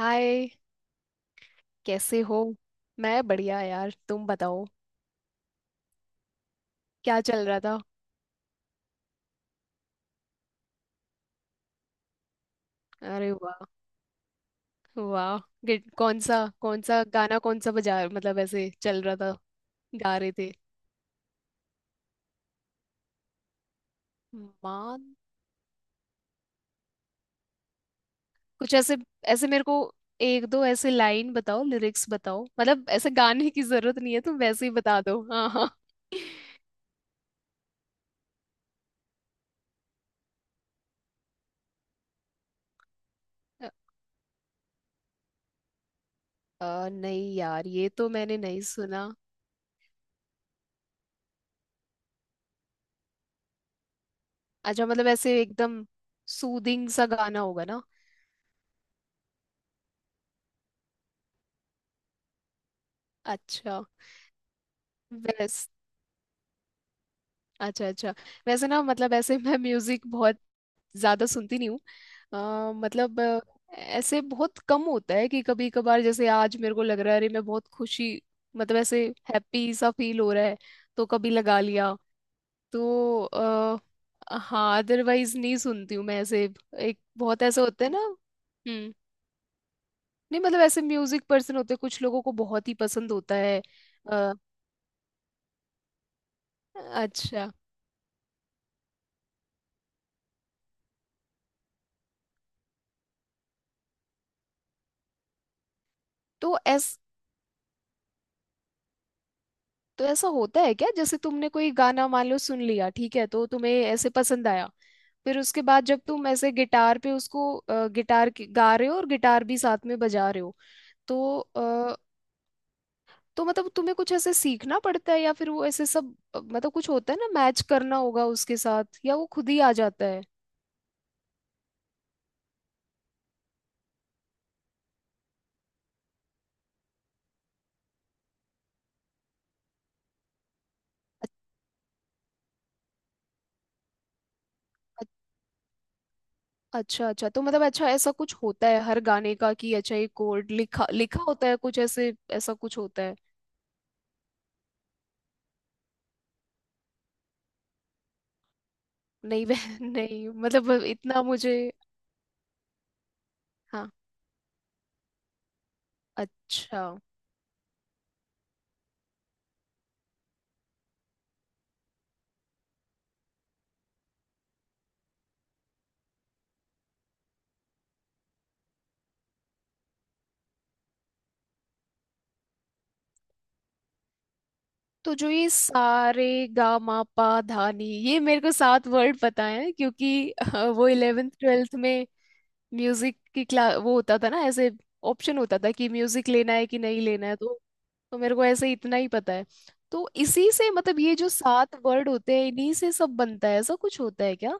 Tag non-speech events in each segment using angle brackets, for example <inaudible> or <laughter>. हाय। कैसे हो? मैं बढ़िया यार, तुम बताओ क्या चल रहा था। अरे वाह। वाह। कौन सा? कौन सा गाना, कौन सा बजा, मतलब ऐसे चल रहा था, गा रहे थे? मान, कुछ ऐसे ऐसे मेरे को एक दो ऐसे लाइन बताओ, लिरिक्स बताओ, मतलब ऐसे गाने की जरूरत नहीं है, तुम वैसे ही बता दो। हाँ हाँ। अ, नहीं यार, ये तो मैंने नहीं सुना। अच्छा, मतलब ऐसे एकदम सूदिंग सा गाना होगा ना। अच्छा। अच्छा। अच्छा वैसे ना मतलब ऐसे <laughs> मैं म्यूजिक बहुत ज्यादा सुनती नहीं हूँ। मतलब ऐसे बहुत कम होता है कि कभी कभार जैसे आज मेरे को लग रहा है, अरे मैं बहुत खुशी, मतलब ऐसे हैप्पी सा फील हो रहा है, तो कभी लगा लिया। तो हाँ अदरवाइज नहीं सुनती हूँ मैं, ऐसे एक बहुत ऐसे होते हैं ना। हम्म। नहीं मतलब ऐसे म्यूजिक पर्सन होते हैं, कुछ लोगों को बहुत ही पसंद होता है। अ, अच्छा। तो ऐस तो ऐसा होता है क्या, जैसे तुमने कोई गाना मान लो सुन लिया, ठीक है, तो तुम्हें ऐसे पसंद आया, फिर उसके बाद जब तुम ऐसे गिटार पे उसको गा रहे हो और गिटार भी साथ में बजा रहे हो, तो अ, तो मतलब तुम्हें कुछ ऐसे सीखना पड़ता है, या फिर वो ऐसे सब मतलब कुछ होता है ना, मैच करना होगा उसके साथ, या वो खुद ही आ जाता है? अ- अच्छा अच्छा, तो मतलब अच्छा ऐसा कुछ होता है हर गाने का कि अच्छा ये कोड लिखा लिखा होता है, कुछ ऐसे, ऐसा कुछ होता है? नहीं वह <laughs> नहीं मतलब इतना मुझे। हाँ। अच्छा तो जो ये सारे गा मा पा धा नी, ये मेरे को सात वर्ड पता है क्योंकि <laughs> वो 11th 12th में म्यूजिक की क्लास वो होता था ना, ऐसे ऑप्शन होता था कि म्यूजिक लेना है कि नहीं लेना है, तो मेरे को ऐसे इतना ही पता है। तो इसी से मतलब ये जो सात वर्ड होते हैं इन्हीं से सब बनता है, ऐसा कुछ होता है क्या?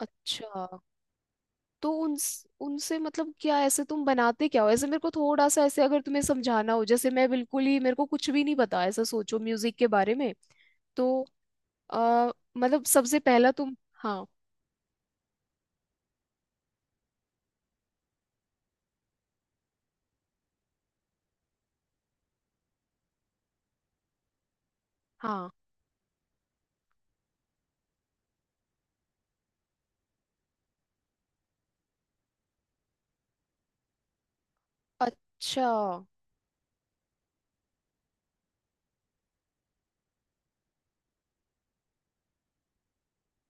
अच्छा। तो उन उनसे मतलब क्या ऐसे तुम बनाते क्या हो, ऐसे मेरे को थोड़ा सा ऐसे अगर तुम्हें समझाना हो, जैसे मैं बिल्कुल ही मेरे को कुछ भी नहीं पता ऐसा सोचो म्यूजिक के बारे में। तो आ, मतलब सबसे पहला तुम। हाँ। हाँ अच्छा।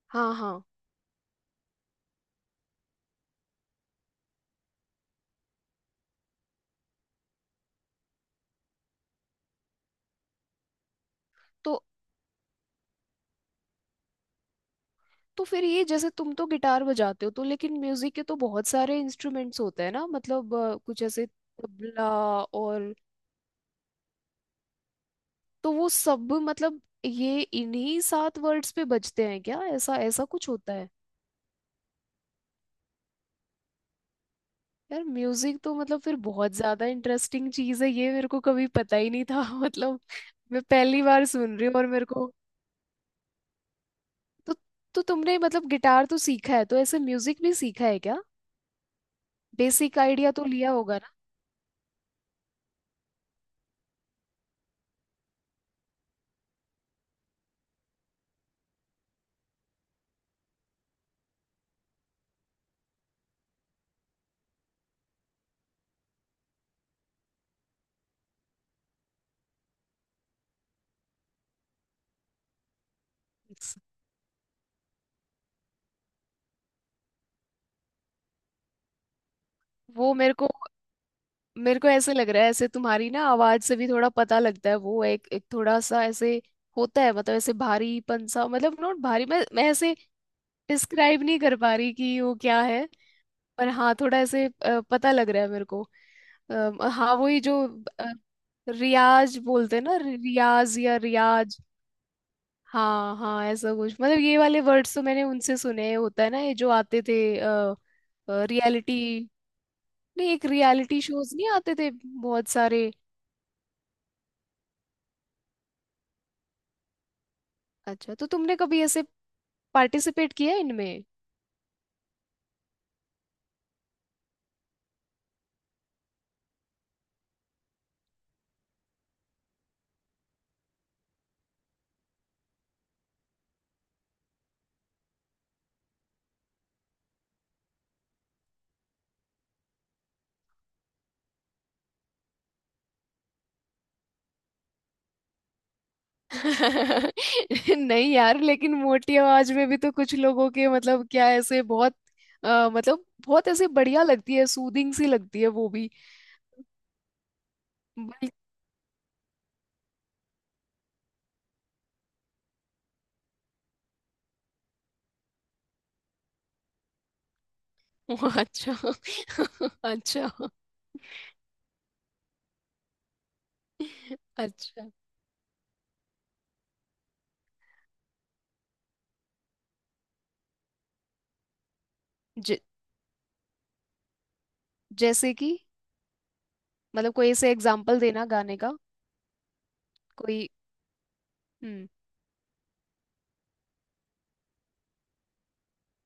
हाँ हाँ। तो तो फिर ये, जैसे तुम तो गिटार बजाते हो, तो लेकिन म्यूजिक के तो बहुत सारे इंस्ट्रूमेंट्स होते हैं ना, मतलब कुछ ऐसे तबला और। तो वो सब मतलब ये इन्हीं सात वर्ड्स पे बजते हैं क्या, ऐसा ऐसा कुछ होता है? यार म्यूजिक तो मतलब फिर बहुत ज्यादा इंटरेस्टिंग चीज है ये, मेरे को कभी पता ही नहीं था <laughs> मतलब मैं पहली बार सुन रही हूँ और मेरे को। तो तो तुमने मतलब गिटार तो सीखा है, तो ऐसे म्यूजिक भी सीखा है क्या, बेसिक आइडिया तो लिया होगा ना? Yes। वो मेरे को ऐसे लग रहा है, ऐसे तुम्हारी ना आवाज से भी थोड़ा पता लगता है, वो एक एक थोड़ा सा ऐसे होता है, मतलब ऐसे भारीपन सा, मतलब नॉट भारी, मैं ऐसे डिस्क्राइब नहीं कर पा रही कि वो क्या है, पर हाँ थोड़ा ऐसे पता लग रहा है मेरे को। हाँ वही जो अ, रियाज बोलते हैं ना, रियाज या रियाज। हाँ हाँ ऐसा कुछ, मतलब ये वाले वर्ड्स तो मैंने उनसे सुने हैं। होता है ना ये जो आते थे, रियलिटी नहीं, एक रियलिटी शोज नहीं आते थे बहुत सारे? अच्छा, तो तुमने कभी ऐसे पार्टिसिपेट किया है इनमें? <laughs> नहीं यार, लेकिन मोटी आवाज में भी तो कुछ लोगों के मतलब, क्या ऐसे बहुत मतलब बहुत ऐसे बढ़िया लगती है, सूदिंग सी लगती है वो भी। बल- <laughs> अच्छा <laughs> अच्छा अच्छा। ज, जैसे कि मतलब कोई ऐसे एग्जांपल देना गाने का, कोई। हम्म।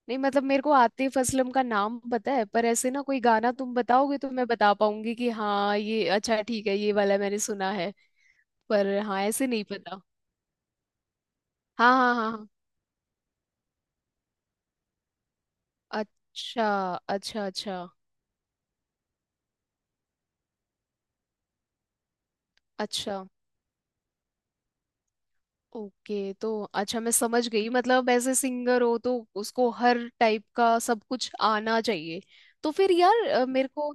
नहीं मतलब मेरे को आतिफ असलम का नाम पता है, पर ऐसे ना कोई गाना तुम बताओगे तो मैं बता पाऊंगी कि हाँ ये अच्छा ठीक है, ये वाला मैंने सुना है, पर हाँ ऐसे नहीं पता। हाँ हाँ हाँ हाँ। अच्छा अच्छा। अच्छा अच्छा। ओके, तो अच्छा मैं समझ गई, मतलब ऐसे सिंगर हो तो उसको हर टाइप का सब कुछ आना चाहिए। तो फिर यार मेरे को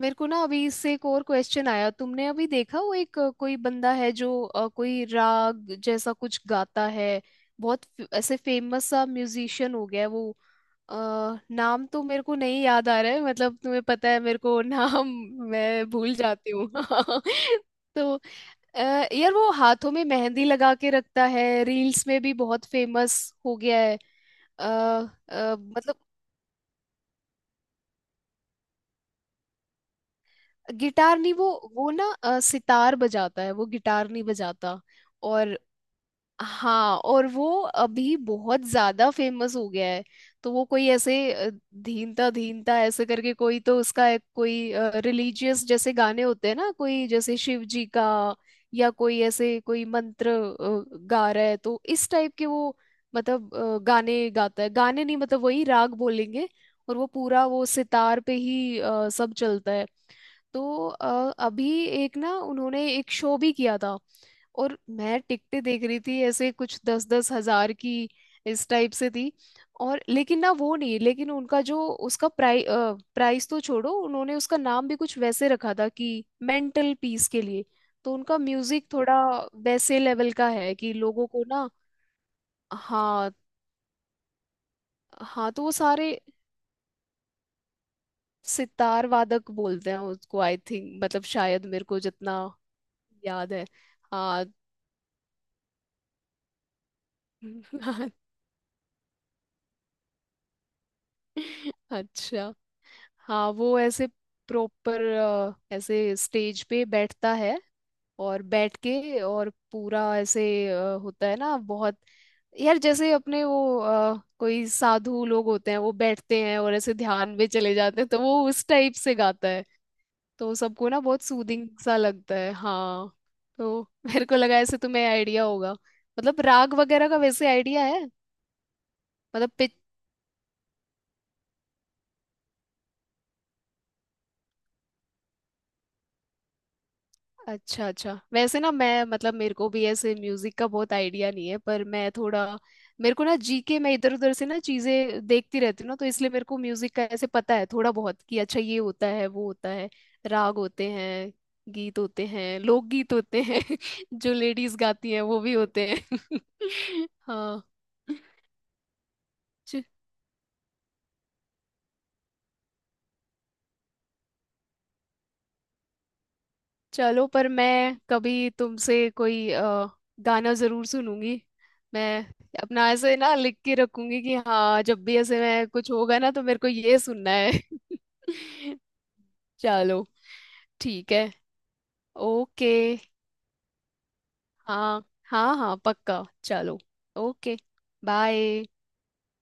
मेरे को ना अभी इससे एक और क्वेश्चन आया, तुमने अभी देखा वो एक कोई बंदा है जो कोई राग जैसा कुछ गाता है, बहुत ऐसे फेमस सा म्यूजिशियन हो गया है वो। अ, नाम तो मेरे को नहीं याद आ रहा है, मतलब तुम्हें पता है मेरे को, नाम <laughs> मैं भूल जाती हूँ <laughs> तो अ, यार वो हाथों में मेहंदी लगा के रखता है, रील्स में भी बहुत फेमस हो गया है। आ, मतलब गिटार नहीं वो, वो ना सितार बजाता है, वो गिटार नहीं बजाता। और हाँ, और वो अभी बहुत ज्यादा फेमस हो गया है। तो वो कोई ऐसे धीनता धीनता ऐसे करके कोई, तो उसका एक कोई रिलीजियस जैसे गाने होते हैं ना, कोई जैसे शिव जी का, या कोई ऐसे कोई मंत्र गा रहा है, तो इस टाइप के वो मतलब गाने गाता है, गाने नहीं मतलब वही राग बोलेंगे, और वो पूरा वो सितार पे ही सब चलता है। तो अभी एक ना उन्होंने एक शो भी किया था, और मैं टिकटें देख रही थी ऐसे कुछ 10-10 हजार की इस टाइप से थी। और लेकिन ना वो नहीं, लेकिन उनका जो उसका प्राइस तो छोड़ो, उन्होंने उसका नाम भी कुछ वैसे रखा था कि मेंटल पीस के लिए। तो उनका म्यूजिक थोड़ा वैसे लेवल का है कि लोगों को ना। हाँ। हाँ तो वो सारे सितार वादक बोलते हैं उसको, आई थिंक, मतलब शायद मेरे को जितना याद है। हाँ। <laughs> अच्छा। हाँ वो ऐसे प्रॉपर ऐसे स्टेज पे बैठता है, और बैठ के और पूरा ऐसे होता है ना बहुत, यार जैसे अपने वो कोई साधु लोग होते हैं वो बैठते हैं और ऐसे ध्यान में चले जाते हैं, तो वो उस टाइप से गाता है, तो सबको ना बहुत सूदिंग सा लगता है। हाँ। तो मेरे को लगा ऐसे तुम्हें आइडिया होगा, मतलब राग वगैरह का, वैसे आइडिया है मतलब? अच्छा अच्छा, वैसे ना मैं मतलब मेरे को भी ऐसे म्यूजिक का बहुत आइडिया नहीं है, पर मैं थोड़ा मेरे को ना जीके, मैं इधर उधर से ना चीजें देखती रहती हूँ ना, तो इसलिए मेरे को म्यूजिक का ऐसे पता है थोड़ा बहुत कि अच्छा ये होता है वो होता है, राग होते हैं, गीत होते हैं, लोकगीत होते हैं <laughs> जो लेडीज गाती हैं वो भी होते हैं <laughs> हाँ। चलो, पर मैं कभी तुमसे कोई गाना जरूर सुनूंगी, मैं अपना ऐसे ना लिख के रखूंगी कि हाँ जब भी ऐसे मैं कुछ होगा ना तो मेरे को ये सुनना है <laughs> चलो। ठीक है। ओके। हाँ हाँ हाँ पक्का चलो। ओके। बाय।